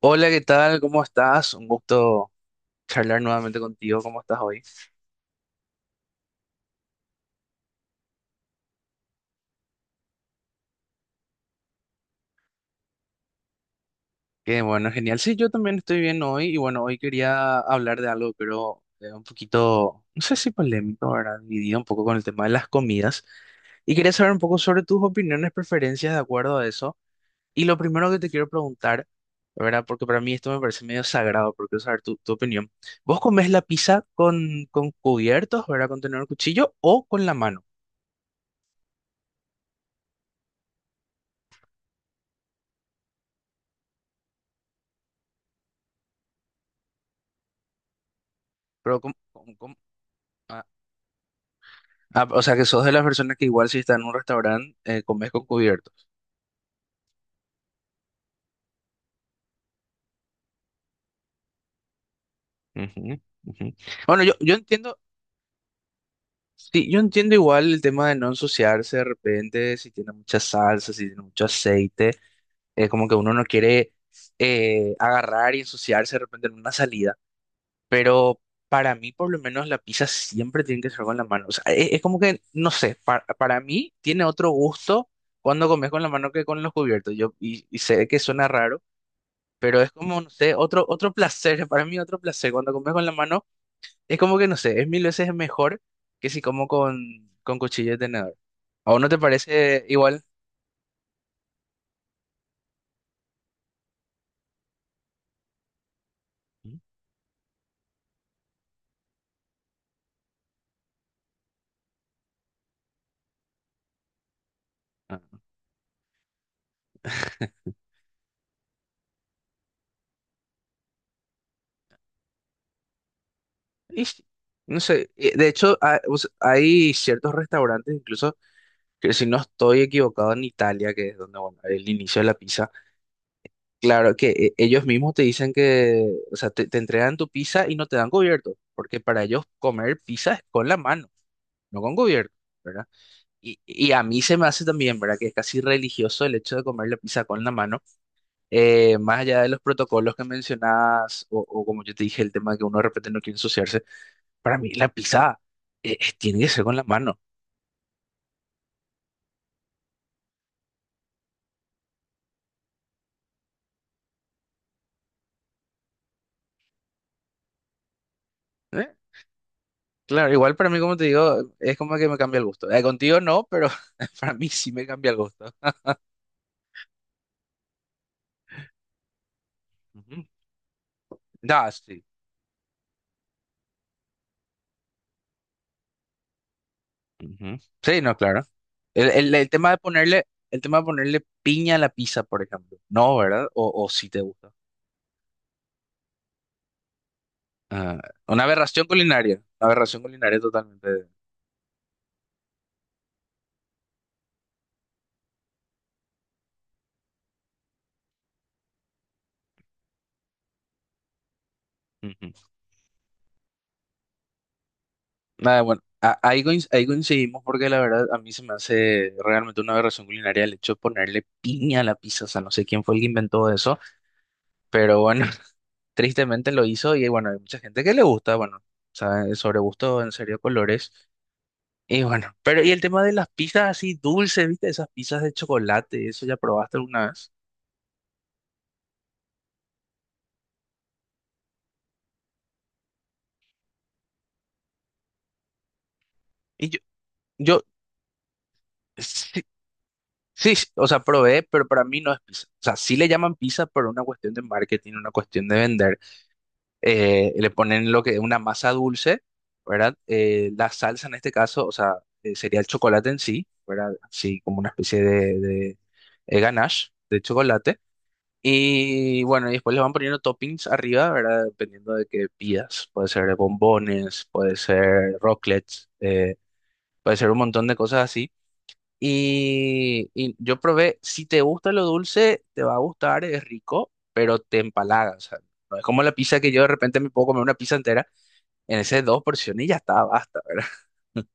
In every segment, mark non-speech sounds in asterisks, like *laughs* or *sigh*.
Hola, ¿qué tal? ¿Cómo estás? Un gusto charlar nuevamente contigo. ¿Cómo estás hoy? Qué bueno, genial. Sí, yo también estoy bien hoy y bueno, hoy quería hablar de algo, pero un poquito, no sé si polémico, ¿verdad? Dividido un poco con el tema de las comidas y quería saber un poco sobre tus opiniones, preferencias de acuerdo a eso. Y lo primero que te quiero preguntar, ¿verdad? Porque para mí esto me parece medio sagrado, porque quiero saber tu opinión. ¿Vos comés la pizza con, cubiertos, ¿verdad? Con tenedor cuchillo o con la mano? Pero, ¿cómo? Ah, Ah, o sea que sos de las personas que igual si estás en un restaurante, comes con cubiertos. Ujú, ujú. Bueno, yo entiendo, sí, yo entiendo igual el tema de no ensuciarse de repente, si tiene mucha salsa, si tiene mucho aceite, es como que uno no quiere agarrar y ensuciarse de repente en una salida, pero para mí por lo menos la pizza siempre tiene que ser con la mano, o sea, es, como que, no sé, para mí tiene otro gusto cuando comes con la mano que con los cubiertos, yo, y sé que suena raro. Pero es como, no sé, otro placer, *laughs* para mí otro placer. Cuando comes con la mano, es como que, no sé, es mil veces mejor que si como con, cuchillo de tenedor. ¿A vos no te parece igual? Mm. Ah. Y sí, no sé, de hecho, o sea, hay ciertos restaurantes, incluso, que si no estoy equivocado, en Italia, que es donde, bueno, el inicio de la pizza, claro que ellos mismos te dicen que, o sea, te entregan tu pizza y no te dan cubierto, porque para ellos comer pizza es con la mano, no con cubierto. ¿Verdad? Y a mí se me hace también, ¿verdad? Que es casi religioso el hecho de comer la pizza con la mano, más allá de los protocolos que mencionabas, o como yo te dije, el tema de que uno de repente no quiere ensuciarse, para mí la pizza tiene que ser con la mano, ¿eh? Claro, igual para mí, como te digo, es como que me cambia el gusto. Contigo no, pero *laughs* para mí sí me cambia el gusto. Ujú. No, sí. Ujú. Sí, no, claro. El tema de ponerle, el tema de ponerle piña a la pizza, por ejemplo. No, ¿verdad? O si te gusta. Ah, una aberración culinaria totalmente. Ujú. Nada, bueno, ahí, ahí coincidimos porque la verdad a mí se me hace realmente una aberración culinaria el hecho de ponerle piña a la pizza, o sea, no sé quién fue el que inventó eso, pero bueno, *laughs* tristemente lo hizo y bueno, hay mucha gente que le gusta, bueno, o sobre gusto, en serio, colores. Y bueno, pero y el tema de las pizzas así dulces, ¿viste? Esas pizzas de chocolate, eso ya probaste alguna vez. Y yo. Sí, sí, o sea, probé, pero para mí no es pizza. O sea, sí le llaman pizza pero una cuestión de marketing, una cuestión de vender. Le ponen lo que es una masa dulce, ¿verdad? La salsa en este caso, o sea, sería el chocolate en sí, ¿verdad? Así como una especie de ganache de chocolate. Y bueno, y después le van poniendo toppings arriba, ¿verdad? Dependiendo de qué pidas. Puede ser bombones, puede ser rocklets, puede ser un montón de cosas así. Y yo probé, si te gusta lo dulce, te va a gustar, es rico, pero te empalaga. O sea, no es como la pizza que yo de repente me puedo comer una pizza entera en esas dos porciones y ya está, basta, ¿verdad? *laughs*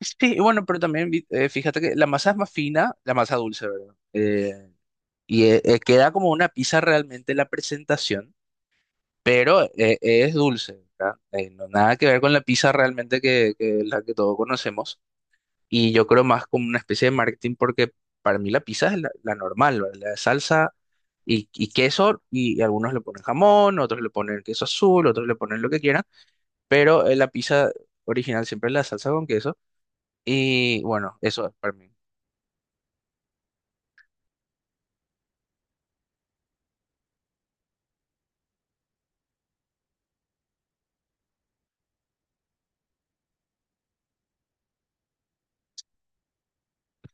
Sí, y bueno, pero también fíjate que la masa es más fina, la masa dulce, ¿verdad? Queda como una pizza realmente la presentación, pero es dulce, ¿verdad? No, nada que ver con la pizza realmente que la que todos conocemos. Y yo creo más como una especie de marketing porque para mí la pizza es la normal, ¿verdad? La de salsa y queso y, algunos le ponen jamón, otros le ponen queso azul, otros le ponen lo que quieran, pero la pizza original siempre es la salsa con queso y bueno, eso es para mí.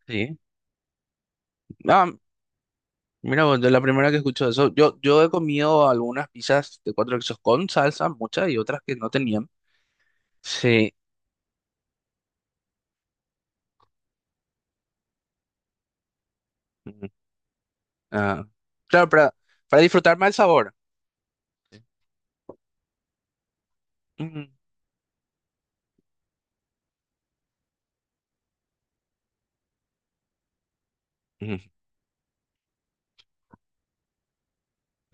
Sí. Ah, mira, vos, de la primera que escucho eso, yo he comido algunas pizzas de cuatro quesos con salsa, muchas y otras que no tenían. Sí. Ujú. Ah, claro, para disfrutar más el sabor. Ujú, ujú.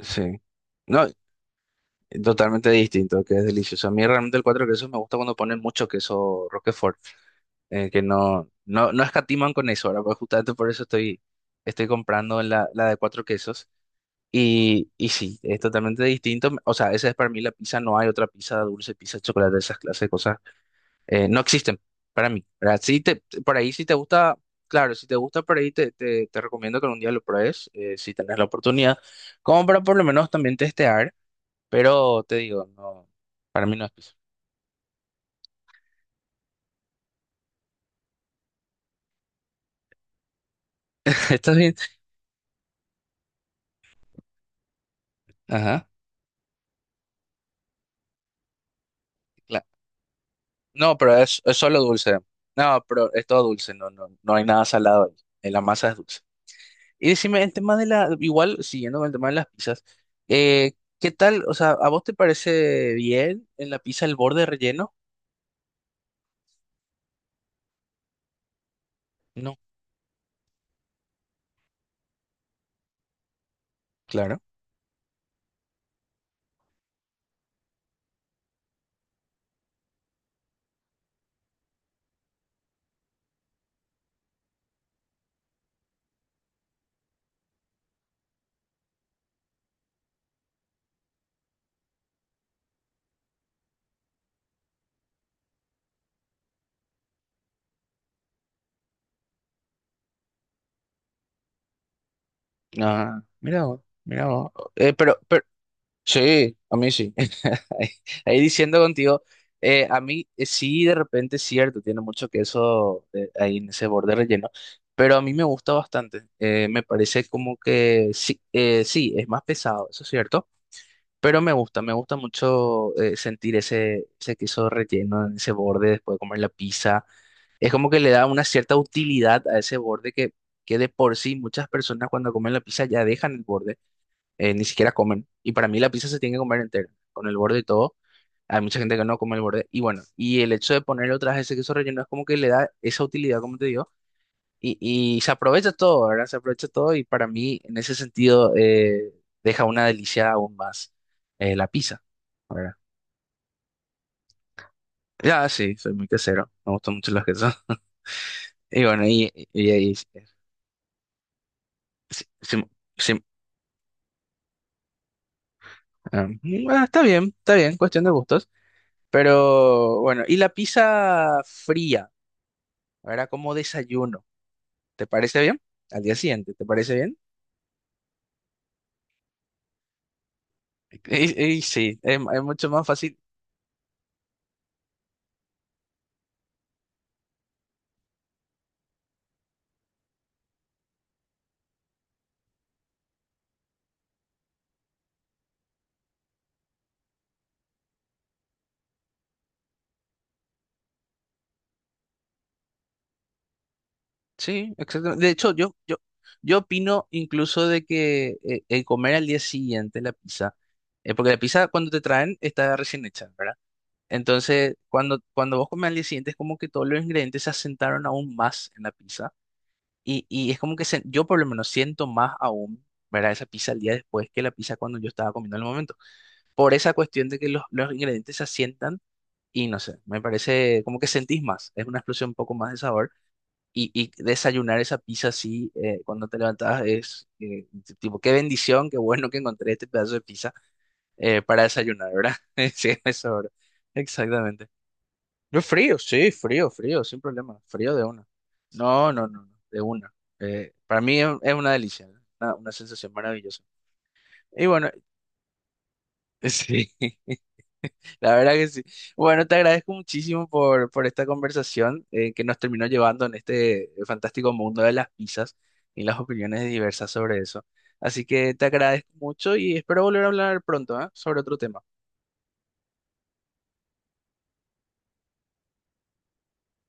Sí. No, totalmente distinto, que es delicioso. A mí realmente el cuatro quesos me gusta cuando ponen mucho queso Roquefort, que no, no escatiman con eso, ahora pues justamente por eso estoy, estoy comprando la de cuatro quesos. Y sí, es totalmente distinto. O sea, esa es para mí la pizza, no hay otra pizza dulce, pizza de chocolate, esas clases de cosas. Eh, no existen para mí, ¿verdad? Sí te, por ahí si te gusta, claro, si te gusta por ahí te recomiendo que algún día lo pruebes, si tenés la oportunidad, como para por lo menos también testear. Pero te digo, no, para mí no es queso. *laughs* ¿Está bien? Ajá. cla- No, pero es solo dulce. No, pero es todo dulce, no, no, no hay nada salado ahí. La masa es dulce. Y decime, el tema de la, igual, siguiendo con el tema de las pizzas, eh, ¿qué tal? O sea, ¿a vos te parece bien en la pizza el borde relleno? No, claro. Ah, mira vos, mira vos. Pero. Sí, a mí sí. *laughs* Ahí ahí diciendo contigo, a mí sí, de repente es cierto, tiene mucho queso ahí en ese borde relleno, pero a mí me gusta bastante. Me parece como que sí, sí, es más pesado, eso es cierto, pero me gusta mucho sentir ese queso relleno en ese borde después de comer la pizza. Es como que le da una cierta utilidad a ese borde que de por sí muchas personas cuando comen la pizza ya dejan el borde ni siquiera comen. Y para mí la pizza se tiene que comer entera, con el borde y todo. Hay mucha gente que no come el borde. Y bueno, y el hecho de ponerle otra vez ese queso relleno es como que le da esa utilidad, como te digo. Y se aprovecha todo, ¿verdad? Se aprovecha todo y para mí, en ese sentido, deja una delicia aún más la pizza, ¿verdad? Ya, sí, soy muy quesero. Me gustan mucho los quesos. *laughs* Y bueno, sí- sí- sí, ah, mm, ah, está bien, cuestión de gustos. Pero bueno, ¿y la pizza fría? Era como desayuno. ¿Te parece bien? Al día siguiente, ¿te parece bien? Y sí, es mucho más fácil. Sí, exactamente. De hecho, yo opino incluso de que el comer al día siguiente la pizza, porque la pizza cuando te traen está recién hecha, ¿verdad? Entonces, cuando vos comes al día siguiente es como que todos los ingredientes se asentaron aún más en la pizza y es como que yo por lo menos siento más aún, ¿verdad? Esa pizza al día después que la pizza cuando yo estaba comiendo en el momento. Por esa cuestión de que los ingredientes se asientan y no sé, me parece como que sentís más, es una explosión un poco más de sabor y desayunar esa pizza así cuando te levantas es tipo, qué bendición, qué bueno que encontré este pedazo de pizza para desayunar, ¿verdad? *laughs* Sí, eso, ¿verdad? Exactamente. No frío, sí, frío, frío, sin problema, frío de una. No, no, no, no, de una. Para mí es una delicia, ¿no? Una sensación maravillosa. Y bueno, *laughs* sí. La verdad que sí. Bueno, te agradezco muchísimo por esta conversación que nos terminó llevando en este fantástico mundo de las pizzas y las opiniones diversas sobre eso. Así que te agradezco mucho y espero volver a hablar pronto, ¿eh? Sobre otro tema.